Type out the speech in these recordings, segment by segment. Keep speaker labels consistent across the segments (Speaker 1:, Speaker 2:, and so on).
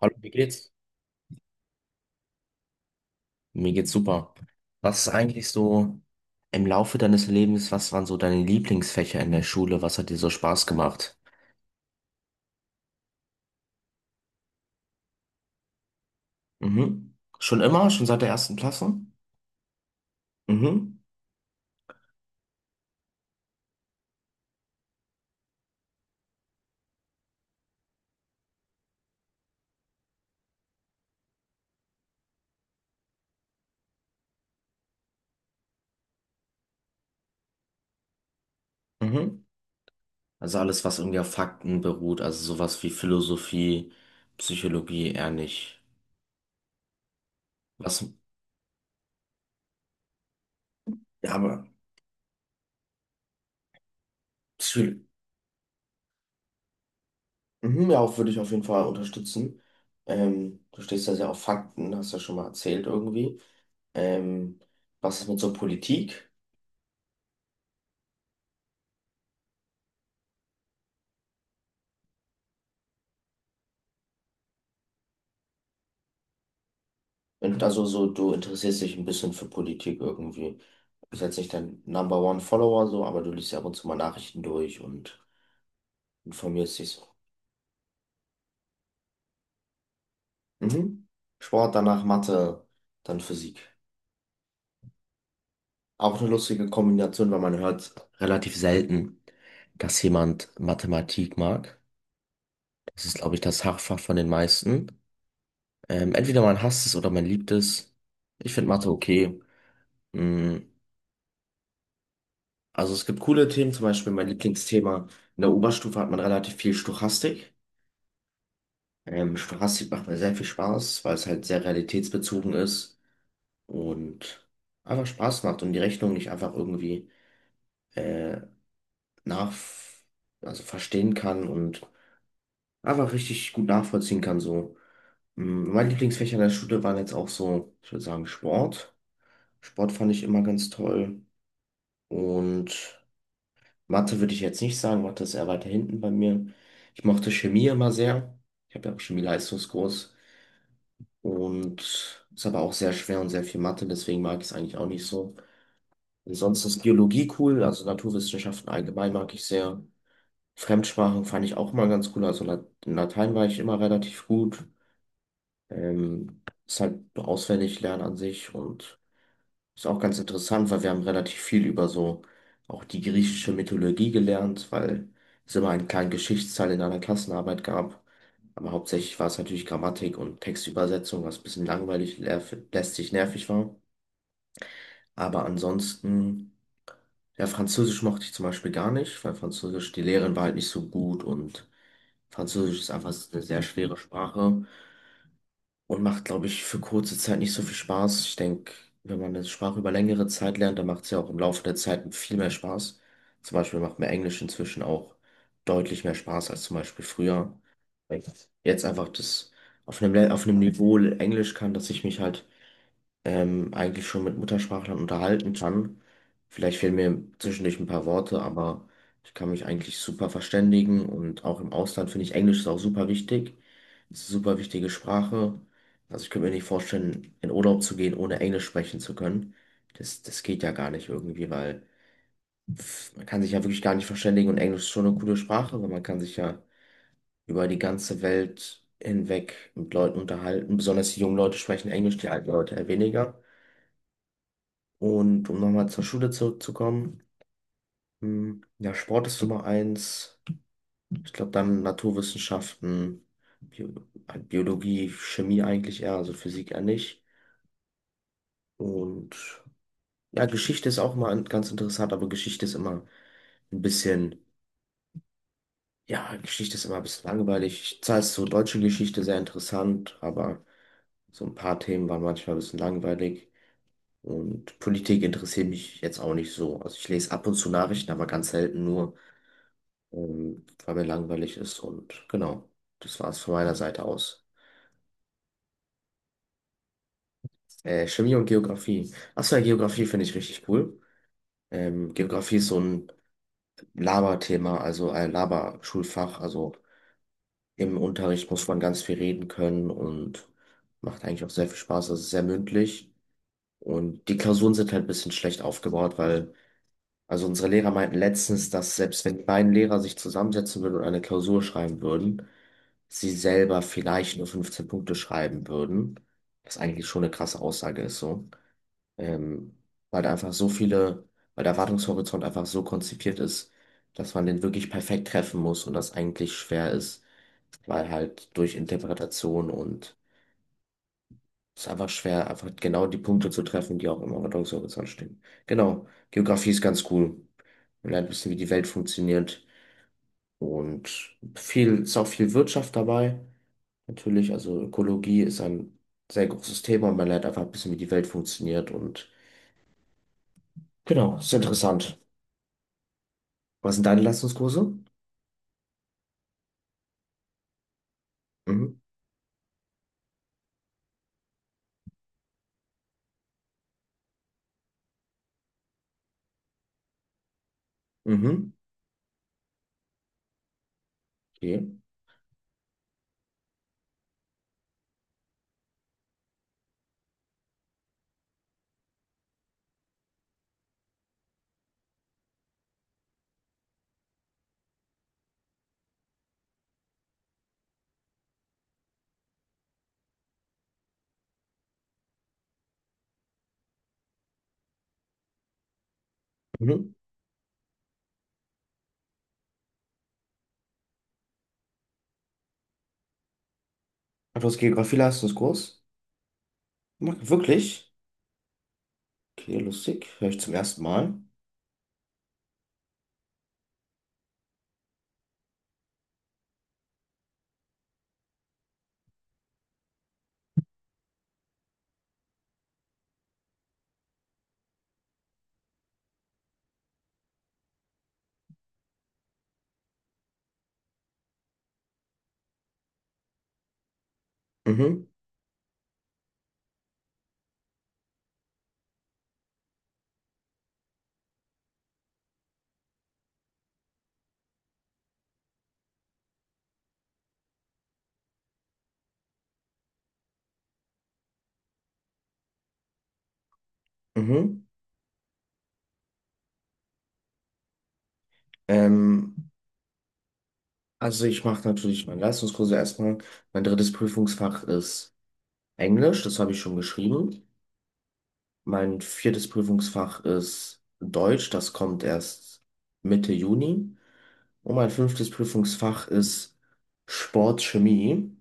Speaker 1: Hallo, wie geht's? Mir geht's super. Was ist eigentlich so im Laufe deines Lebens, was waren so deine Lieblingsfächer in der Schule? Was hat dir so Spaß gemacht? Mhm. Schon immer? Schon seit der ersten Klasse? Mhm. Mhm. Also alles, was irgendwie auf Fakten beruht, also sowas wie Philosophie, Psychologie eher nicht. Was? Ja, aber Psy mhm, ja, auch würde ich auf jeden Fall unterstützen. Du stehst ja sehr auf Fakten, hast ja schon mal erzählt irgendwie. Ähm, Was ist mit so Politik? Und also so, du interessierst dich ein bisschen für Politik irgendwie. Du bist jetzt nicht dein Number One Follower so, aber du liest ja ab und zu mal Nachrichten durch und informierst dich so. Mhm. Sport, danach Mathe, dann Physik. Auch eine lustige Kombination, weil man hört relativ selten, dass jemand Mathematik mag. Das ist, glaube ich, das Hauptfach von den meisten. Entweder man hasst es oder man liebt es. Ich finde Mathe okay. Mm, Also es gibt coole Themen, zum Beispiel mein Lieblingsthema. In der Oberstufe hat man relativ viel Stochastik. Stochastik macht mir sehr viel Spaß, weil es halt sehr realitätsbezogen ist und einfach Spaß macht und die Rechnung nicht einfach irgendwie äh, nach, also verstehen kann und einfach richtig gut nachvollziehen kann. So. Meine Lieblingsfächer in der Schule waren jetzt auch so, ich würde sagen, Sport. Sport fand ich immer ganz toll und Mathe würde ich jetzt nicht sagen, Mathe ist eher weiter hinten bei mir. Ich mochte Chemie immer sehr. Ich habe ja auch Chemie-Leistungskurs. Und ist aber auch sehr schwer und sehr viel Mathe, deswegen mag ich es eigentlich auch nicht so. Ansonsten ist Geologie cool, also Naturwissenschaften allgemein mag ich sehr. Fremdsprachen fand ich auch mal ganz cool, also in Latein war ich immer relativ gut. Ist halt auswendig lernen an sich und ist auch ganz interessant, weil wir haben relativ viel über so auch die griechische Mythologie gelernt, weil es immer einen kleinen Geschichtsteil in einer Klassenarbeit gab. Aber hauptsächlich war es natürlich Grammatik und Textübersetzung, was ein bisschen langweilig, lästig, nervig war. Aber ansonsten, ja, Französisch mochte ich zum Beispiel gar nicht, weil Französisch, die Lehrerin war halt nicht so gut und Französisch ist einfach eine sehr schwere Sprache. Und macht, glaube ich, für kurze Zeit nicht so viel Spaß. Ich denke, wenn man eine Sprache über längere Zeit lernt, dann macht es ja auch im Laufe der Zeit viel mehr Spaß. Zum Beispiel macht mir Englisch inzwischen auch deutlich mehr Spaß als zum Beispiel früher. Weil ich jetzt einfach das auf einem Niveau Englisch kann, dass ich mich halt eigentlich schon mit Muttersprachlern unterhalten kann. Vielleicht fehlen mir zwischendurch ein paar Worte, aber ich kann mich eigentlich super verständigen und auch im Ausland finde ich Englisch ist auch super wichtig. Es ist eine super wichtige Sprache. Also ich könnte mir nicht vorstellen, in Urlaub zu gehen, ohne Englisch sprechen zu können. Das geht ja gar nicht irgendwie, weil pff, man kann sich ja wirklich gar nicht verständigen und Englisch ist schon eine coole Sprache, weil man kann sich ja über die ganze Welt hinweg mit Leuten unterhalten. Besonders die jungen Leute sprechen Englisch, die alten Leute eher weniger. Und um nochmal zur Schule zurückzukommen, ja, Sport ist Nummer 1. Ich glaube, dann Naturwissenschaften, Bio Biologie, Chemie eigentlich eher, also Physik eher nicht. Und ja, Geschichte ist auch mal ganz interessant, aber ein bisschen, ja, Geschichte ist immer ein bisschen langweilig. Zwar ist so deutsche Geschichte sehr interessant, aber so ein paar Themen waren manchmal ein bisschen langweilig. Und Politik interessiert mich jetzt auch nicht so. Also ich lese ab und zu Nachrichten, aber ganz selten nur. Weil mir langweilig ist und genau, das war es von meiner Seite aus. Chemie und Geografie. Achso, ja, Geografie finde ich richtig cool. Geografie ist so ein Laberthema, also ein Laberschulfach. Also im Unterricht muss man ganz viel reden können und macht eigentlich auch sehr viel Spaß. Es ist sehr mündlich und die Klausuren sind halt ein bisschen schlecht aufgebaut, weil also unsere Lehrer meinten letztens, dass selbst wenn die beiden Lehrer sich zusammensetzen würden und eine Klausur schreiben würden, sie selber vielleicht nur 15 Punkte schreiben würden. Was eigentlich schon eine krasse Aussage ist, so. Ähm, weil da einfach so viele, weil der Erwartungshorizont einfach so konzipiert ist, dass man den wirklich perfekt treffen muss und das eigentlich schwer ist, weil halt durch Interpretation und ist einfach schwer, einfach genau die Punkte zu treffen, die auch im Ordnungshorizont stehen. Genau. Geografie ist ganz cool. Man lernt ein bisschen, wie die Welt funktioniert. Und ist auch viel Wirtschaft dabei. Natürlich, also Ökologie ist ein sehr großes Thema und man lernt einfach ein bisschen, wie die Welt funktioniert. Und genau, ist interessant. Was sind deine Leistungskurse? Mhm. Mhm. Okay. Mhm. Du hast Geografie-Leistungskurs? Wirklich? Okay, lustig. Hör ich zum ersten Mal. Mhm. Mhm. Ähm, Also ich mache natürlich meine Leistungskurse erstmal. Mein drittes Prüfungsfach ist Englisch, das habe ich schon geschrieben. Mein viertes Prüfungsfach ist Deutsch, das kommt erst Mitte Juni. Und mein fünftes Prüfungsfach ist Sportchemie.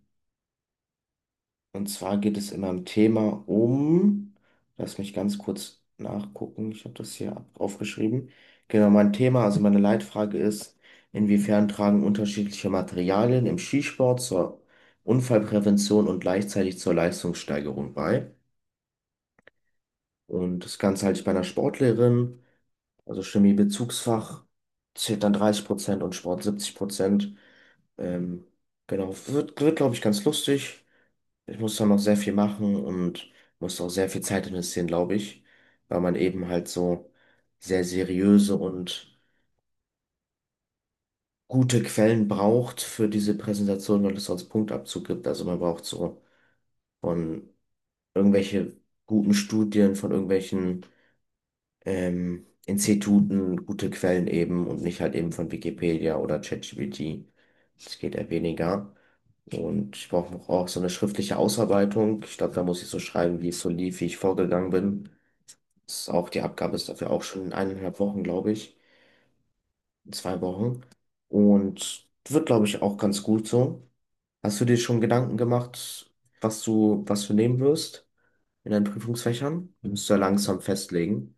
Speaker 1: Und zwar geht es in meinem Thema um, lass mich ganz kurz nachgucken, ich habe das hier aufgeschrieben. Genau, mein Thema, also meine Leitfrage ist, inwiefern tragen unterschiedliche Materialien im Skisport zur Unfallprävention und gleichzeitig zur Leistungssteigerung bei? Und das Ganze halte ich bei einer Sportlehrerin, also Chemie-Bezugsfach zählt dann 30% und Sport 70%. Ähm, genau, wird glaube ich, ganz lustig. Ich muss da noch sehr viel machen und muss auch sehr viel Zeit investieren, glaube ich, weil man eben halt so sehr seriöse und gute Quellen braucht für diese Präsentation, weil es sonst Punktabzug gibt. Also man braucht so von irgendwelche guten Studien, von irgendwelchen Instituten gute Quellen eben und nicht halt eben von Wikipedia oder ChatGPT. Das geht eher weniger. Und ich brauche auch so eine schriftliche Ausarbeitung. Ich glaube, da muss ich so schreiben, wie es so lief, wie ich vorgegangen bin. Das ist auch, die Abgabe ist dafür auch schon in eineinhalb Wochen, glaube ich. In 2 Wochen. Und wird, glaube ich, auch ganz gut so. Hast du dir schon Gedanken gemacht, was du nehmen wirst in deinen Prüfungsfächern? Die musst du ja langsam festlegen.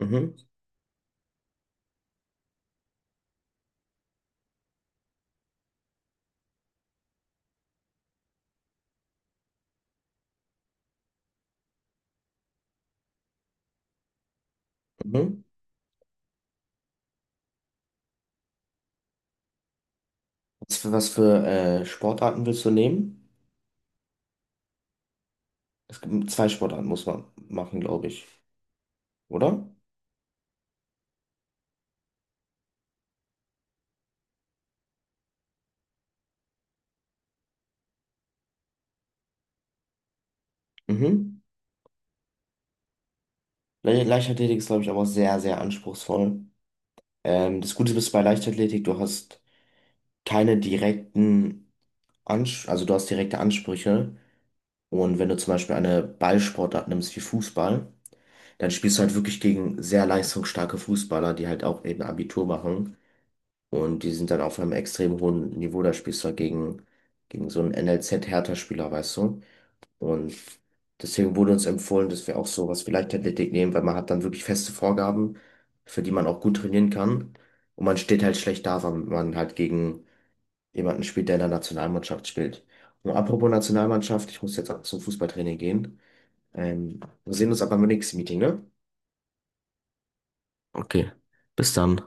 Speaker 1: Mhm, mhm. Was für Sportarten willst du nehmen? Es gibt zwei Sportarten, muss man machen, glaube ich. Oder? Mhm. Leichtathletik ist, glaube ich, aber sehr, sehr anspruchsvoll. Das Gute ist bei Leichtathletik, du hast keine direkten. Ans Also du hast direkte Ansprüche. Und wenn du zum Beispiel eine Ballsportart nimmst wie Fußball, dann spielst du halt wirklich gegen sehr leistungsstarke Fußballer, die halt auch eben Abitur machen. Und die sind dann auf einem extrem hohen Niveau. Da spielst du halt gegen so einen NLZ-Hertha-Spieler, weißt du. Und deswegen wurde uns empfohlen, dass wir auch sowas wie Leichtathletik nehmen, weil man hat dann wirklich feste Vorgaben, für die man auch gut trainieren kann. Und man steht halt schlecht da, weil man halt gegen jemanden spielt, der in der Nationalmannschaft spielt. Und apropos Nationalmannschaft, ich muss jetzt auch zum Fußballtraining gehen. Ähm, Wir sehen uns aber beim nächsten Meeting, ne? Okay, bis dann.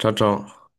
Speaker 1: Ciao, ciao.